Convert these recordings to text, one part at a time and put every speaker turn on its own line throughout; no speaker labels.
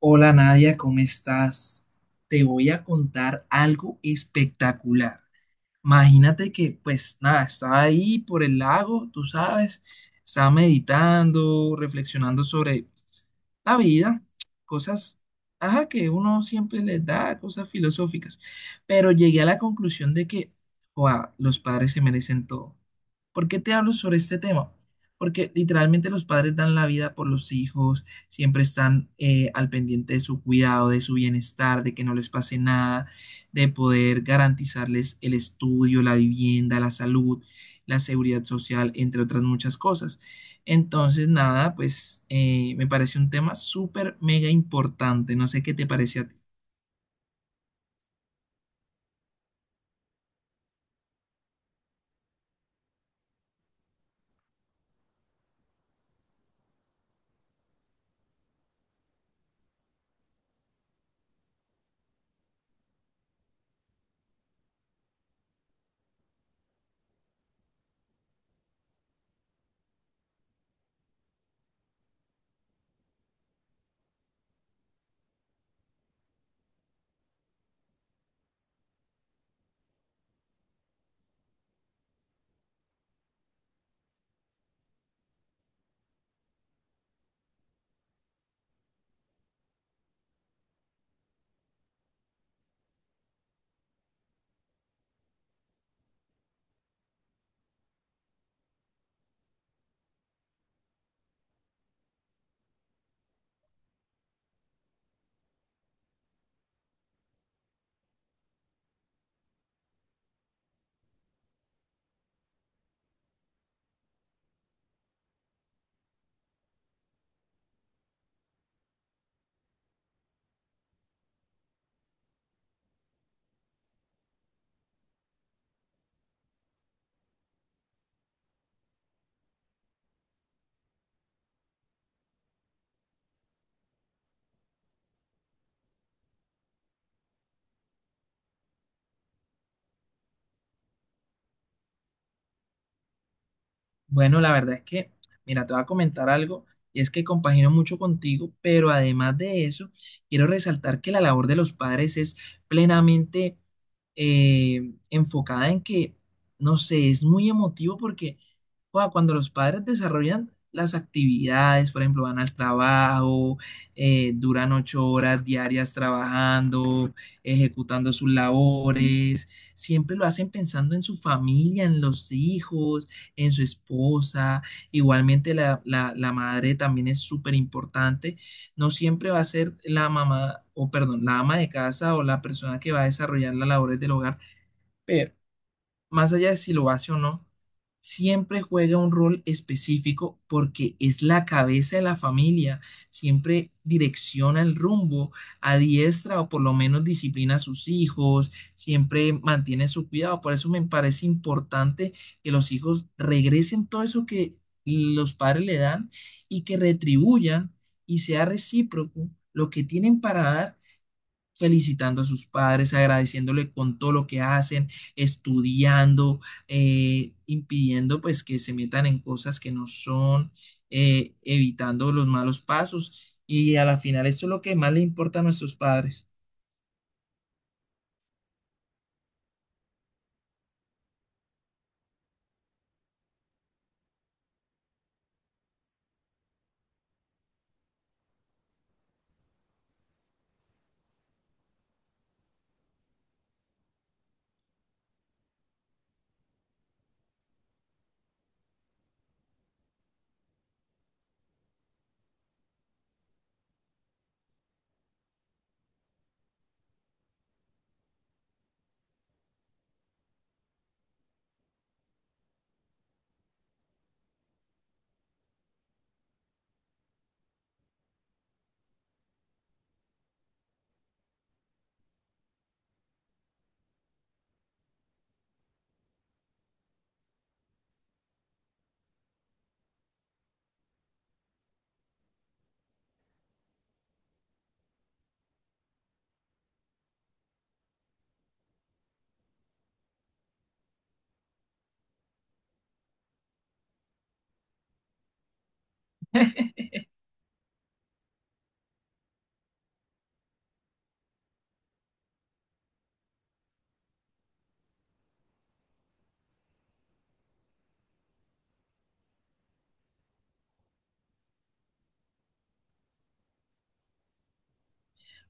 Hola Nadia, ¿cómo estás? Te voy a contar algo espectacular. Imagínate que, pues nada, estaba ahí por el lago, tú sabes, estaba meditando, reflexionando sobre la vida, cosas, ajá, que uno siempre les da cosas filosóficas, pero llegué a la conclusión de que, "Joa, los padres se merecen todo. ¿Por qué te hablo sobre este tema? Porque literalmente los padres dan la vida por los hijos, siempre están al pendiente de su cuidado, de su bienestar, de que no les pase nada, de poder garantizarles el estudio, la vivienda, la salud, la seguridad social, entre otras muchas cosas. Entonces, nada, pues me parece un tema súper mega importante. No sé qué te parece a ti. Bueno, la verdad es que, mira, te voy a comentar algo, y es que compagino mucho contigo, pero además de eso, quiero resaltar que la labor de los padres es plenamente enfocada en que, no sé, es muy emotivo porque joda, cuando los padres desarrollan las actividades, por ejemplo, van al trabajo, duran 8 horas diarias trabajando, ejecutando sus labores, siempre lo hacen pensando en su familia, en los hijos, en su esposa. Igualmente la madre también es súper importante. No siempre va a ser la mamá, o perdón, la ama de casa o la persona que va a desarrollar las labores del hogar, pero más allá de si lo hace o no, siempre juega un rol específico porque es la cabeza de la familia, siempre direcciona el rumbo, adiestra o por lo menos disciplina a sus hijos, siempre mantiene su cuidado. Por eso me parece importante que los hijos regresen todo eso que los padres le dan y que retribuyan y sea recíproco lo que tienen para dar, felicitando a sus padres, agradeciéndole con todo lo que hacen, estudiando, impidiendo pues que se metan en cosas que no son, evitando los malos pasos. Y a la final, esto es lo que más le importa a nuestros padres.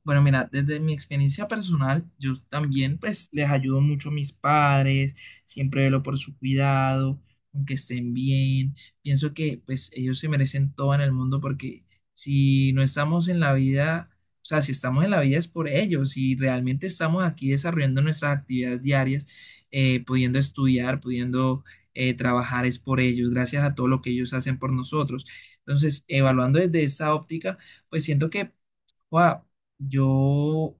Bueno, mira, desde mi experiencia personal, yo también pues les ayudo mucho a mis padres, siempre velo por su cuidado, aunque estén bien. Pienso que pues ellos se merecen todo en el mundo porque si no estamos en la vida, o sea, si estamos en la vida es por ellos, si realmente estamos aquí desarrollando nuestras actividades diarias, pudiendo estudiar, pudiendo trabajar, es por ellos, gracias a todo lo que ellos hacen por nosotros. Entonces, evaluando desde esta óptica, pues siento que wow, yo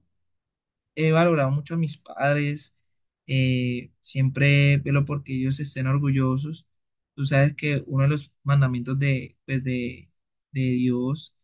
he valorado mucho a mis padres, siempre velo porque ellos estén orgullosos. Tú sabes que uno de los mandamientos de, pues de Dios,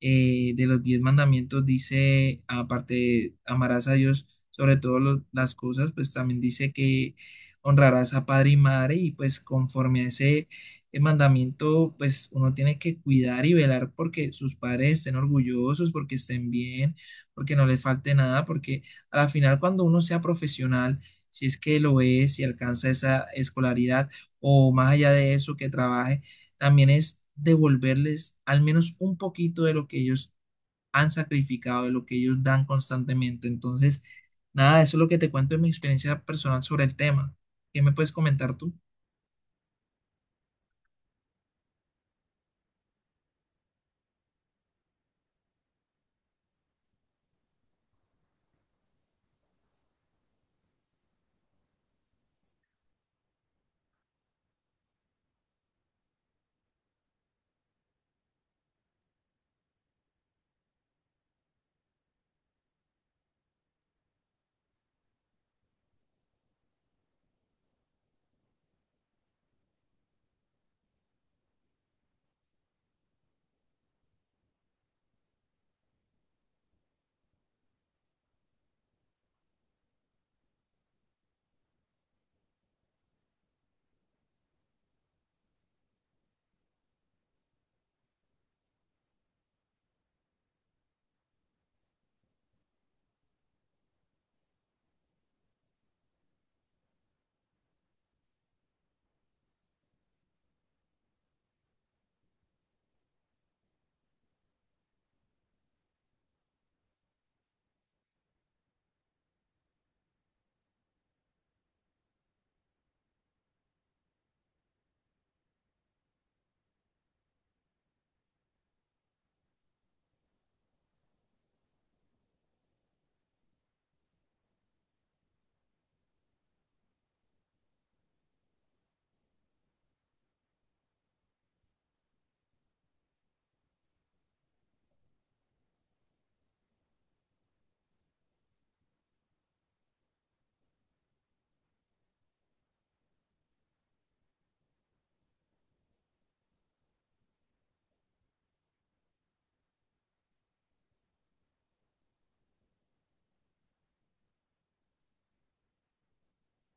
de los 10 mandamientos, dice, aparte de amarás a Dios sobre todas las cosas, pues también dice que honrarás a padre y madre, y pues conforme a ese mandamiento, pues uno tiene que cuidar y velar porque sus padres estén orgullosos, porque estén bien, porque no les falte nada, porque a la final, cuando uno sea profesional, si es que lo es, si alcanza esa escolaridad o más allá de eso que trabaje, también es devolverles al menos un poquito de lo que ellos han sacrificado, de lo que ellos dan constantemente. Entonces, nada, eso es lo que te cuento de mi experiencia personal sobre el tema. ¿Qué me puedes comentar tú?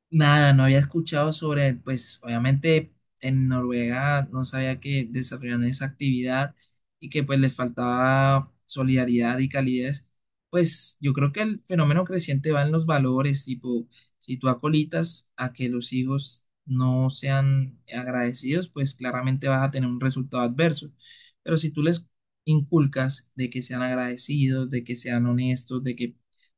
Nada, no había escuchado sobre, pues obviamente en Noruega no sabía que desarrollan esa actividad y que pues les faltaba solidaridad y calidez. Pues yo creo que el fenómeno creciente va en los valores, tipo, si tú acolitas a que los hijos no sean agradecidos, pues claramente vas a tener un resultado adverso. Pero si tú les inculcas de que sean agradecidos, de que sean honestos, de que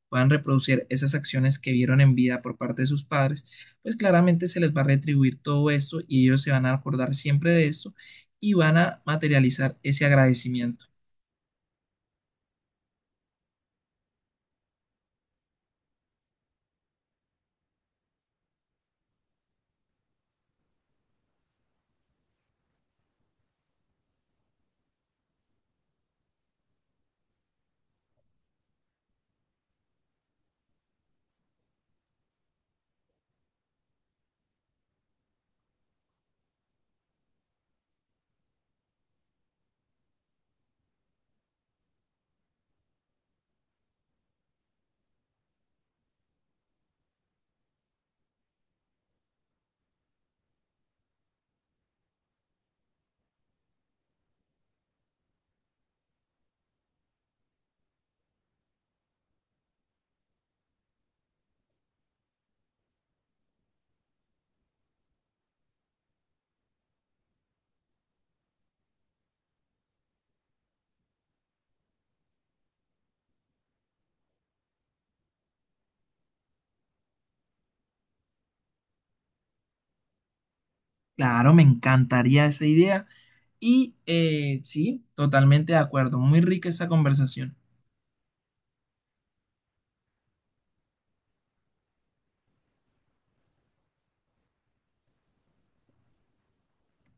puedan reproducir esas acciones que vieron en vida por parte de sus padres, pues claramente se les va a retribuir todo esto y ellos se van a acordar siempre de esto y van a materializar ese agradecimiento. Claro, me encantaría esa idea y sí, totalmente de acuerdo, muy rica esa conversación.